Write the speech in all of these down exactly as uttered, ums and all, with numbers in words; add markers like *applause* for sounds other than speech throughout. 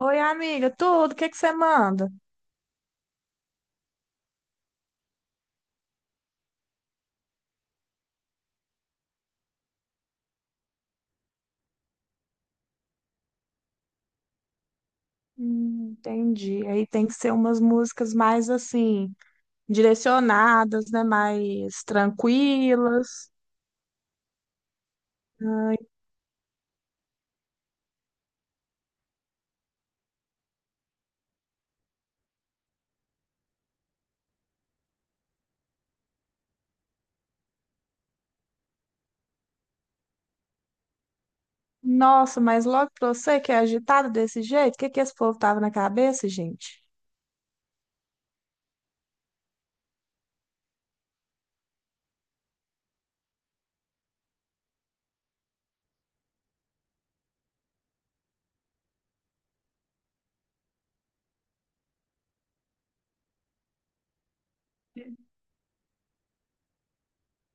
Oi, amiga, tudo? O que que você manda? Hum, entendi. Aí tem que ser umas músicas mais assim, direcionadas, né? Mais tranquilas. Ai, nossa, mas logo pra você que é agitado desse jeito, o que é que esse povo tava na cabeça, gente?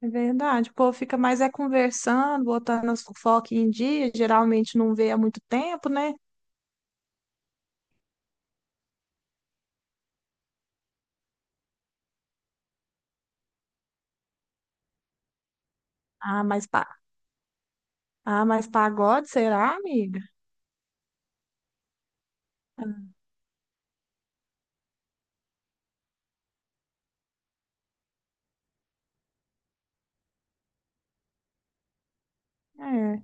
É verdade, o povo fica mais é conversando, botando as fofocas em dia, geralmente não vê há muito tempo, né? Ah, mas pa- Ah, mas pagode, será, amiga? É.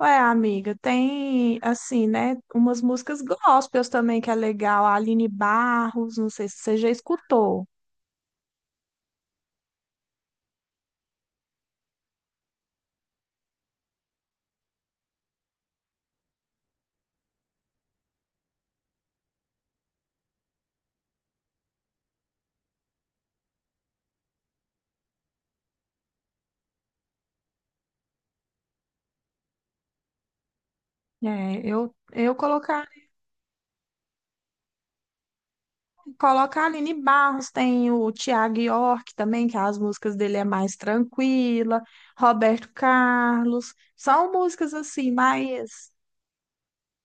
Ué, amiga, tem, assim, né, umas músicas gospels também que é legal. A Aline Barros, não sei se você já escutou. É, eu, eu colocar, Colocar a Aline Barros, tem o Tiago York também, que as músicas dele é mais tranquila. Roberto Carlos. São músicas, assim, mais...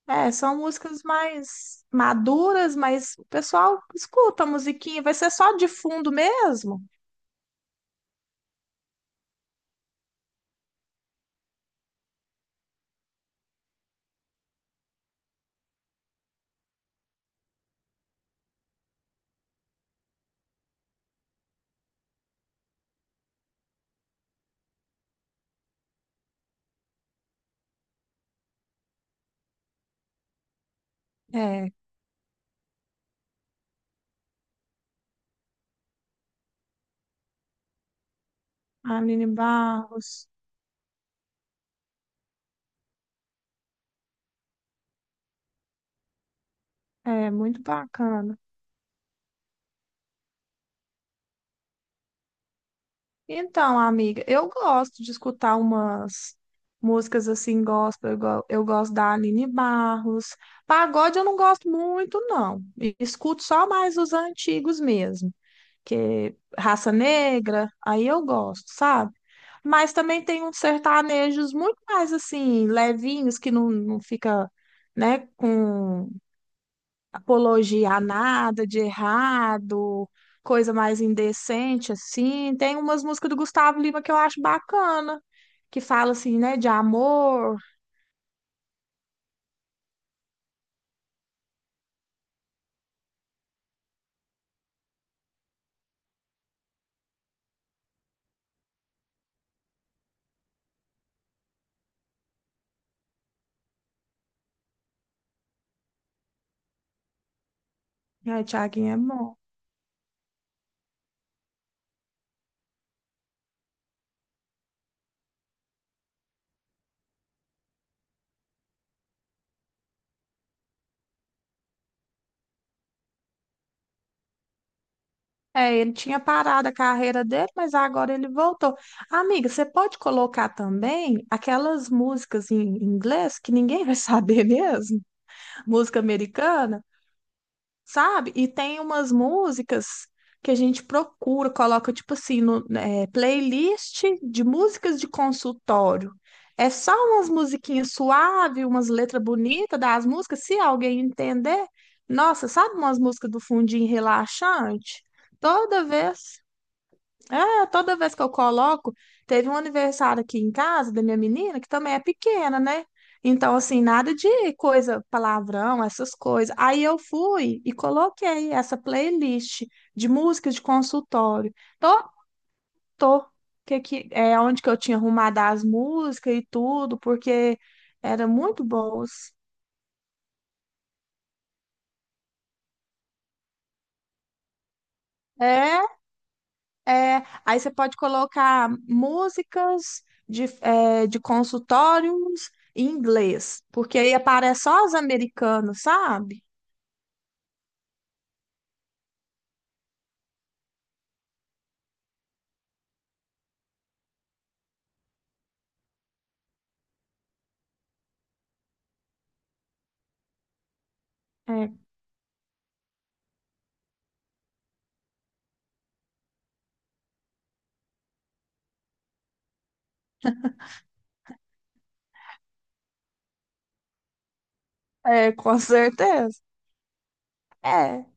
É, são músicas mais maduras, mas o pessoal escuta a musiquinha, vai ser só de fundo mesmo. É. A Aline Barros. É muito bacana. Então, amiga, eu gosto de escutar umas músicas assim, gospel. Eu, go- eu gosto da Aline Barros. Pagode eu não gosto muito, não. E escuto só mais os antigos mesmo, que Raça Negra, aí eu gosto, sabe? Mas também tem uns sertanejos muito mais assim, levinhos, que não, não fica, né, com apologia a nada de errado, coisa mais indecente, assim. Tem umas músicas do Gustavo Lima que eu acho bacana, que fala assim, né, de amor. Ai, Thiaguinho é bom. É, ele tinha parado a carreira dele, mas agora ele voltou. Amiga, você pode colocar também aquelas músicas em inglês que ninguém *laughs* vai saber mesmo? Música americana? Sabe? E tem umas músicas que a gente procura, coloca tipo assim, no, é, playlist de músicas de consultório. É só umas musiquinhas suaves, umas letras bonitas das músicas, se alguém entender. Nossa, sabe umas músicas do fundinho relaxante? Toda vez. Ah, toda vez que eu coloco, teve um aniversário aqui em casa da minha menina, que também é pequena, né? Então, assim, nada de coisa, palavrão, essas coisas. Aí eu fui e coloquei essa playlist de músicas de consultório. Tô, tô. Que, que, é onde que eu tinha arrumado as músicas e tudo, porque eram muito boas. É, É, Aí você pode colocar músicas de, é, de consultórios em inglês, porque aí aparece só os americanos, sabe? É, é, com *laughs* certeza. É.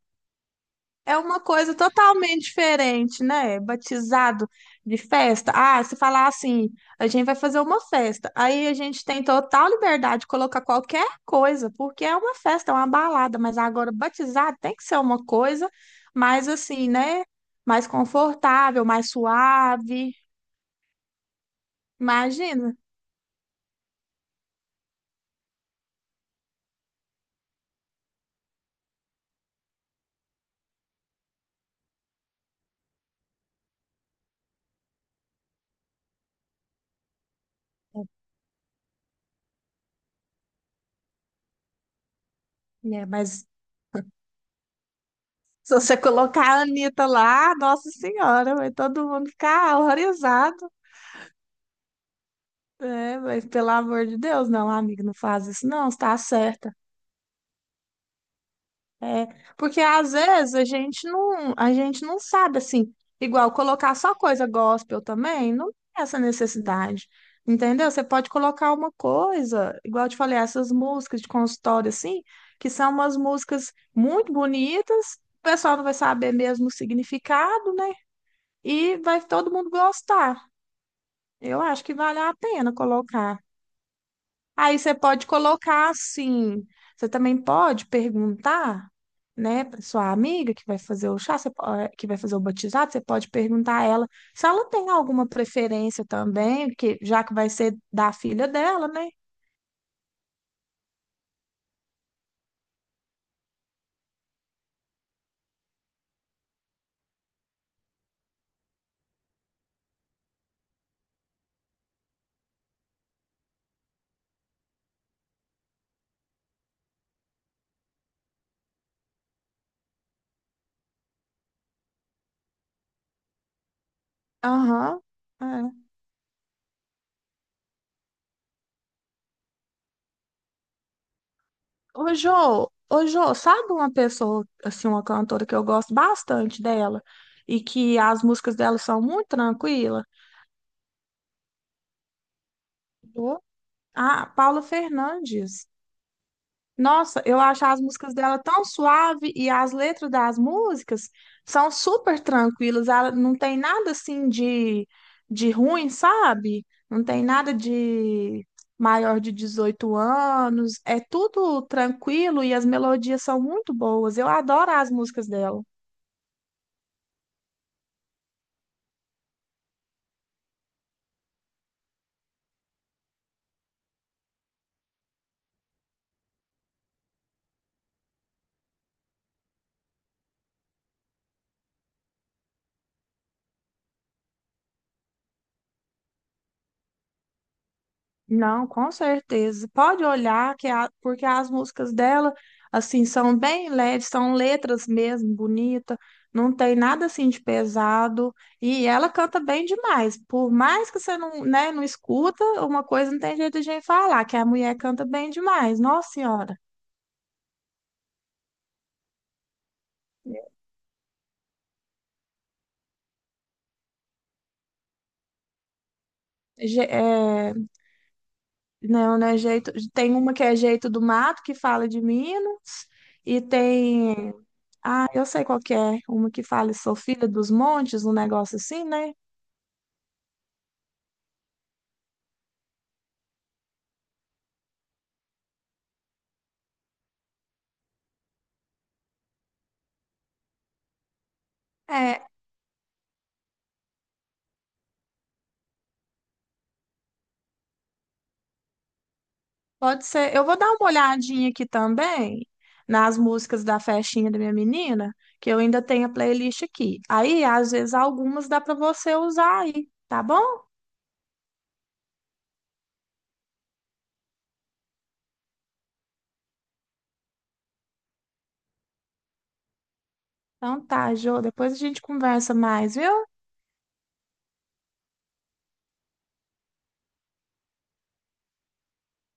É uma coisa totalmente diferente, né? Batizado de festa. Ah, se falar assim, a gente vai fazer uma festa. Aí a gente tem total liberdade de colocar qualquer coisa, porque é uma festa, é uma balada. Mas agora, batizado tem que ser uma coisa mais assim, né? Mais confortável, mais suave. Imagina. Né? Mas se você colocar a Anitta lá, Nossa Senhora, vai todo mundo ficar horrorizado. É, mas pelo amor de Deus, não, amiga, não faz isso, não, está certa. É, porque às vezes a gente não, a gente não sabe assim, igual colocar só coisa gospel também, não tem essa necessidade. Entendeu? Você pode colocar uma coisa, igual eu te falei, essas músicas de consultório assim, que são umas músicas muito bonitas, o pessoal não vai saber mesmo o significado, né? E vai todo mundo gostar. Eu acho que vale a pena colocar. Aí você pode colocar assim. Você também pode perguntar, né, para sua amiga que vai fazer o chá, você po- eh, que vai fazer o batizado, você pode perguntar a ela se ela tem alguma preferência também, que já que vai ser da filha dela, né? Aham. É. Ô, Jô, ô, Jô, sabe uma pessoa, assim, uma cantora que eu gosto bastante dela e que as músicas dela são muito tranquilas? Jô? Ah, Paula Fernandes. Nossa, eu acho as músicas dela tão suave e as letras das músicas são super tranquilas. Ela não tem nada assim de, de ruim, sabe? Não tem nada de maior de dezoito anos. É tudo tranquilo e as melodias são muito boas. Eu adoro as músicas dela. Não, com certeza. Pode olhar que a- porque as músicas dela assim são bem leves, são letras mesmo bonita, não tem nada assim de pesado e ela canta bem demais. Por mais que você não, né, não escuta, uma coisa não tem jeito de gente falar, que a mulher canta bem demais. Nossa Senhora. Je- é, não, né, jeito, tem uma que é Jeito do Mato que fala de Minas e tem, ah, eu sei qual que é, uma que fala Sou Filha dos Montes, um negócio assim, né? É, pode ser. Eu vou dar uma olhadinha aqui também nas músicas da festinha da minha menina, que eu ainda tenho a playlist aqui. Aí, às vezes, algumas dá para você usar aí, tá bom? Então tá, Jô, depois a gente conversa mais, viu?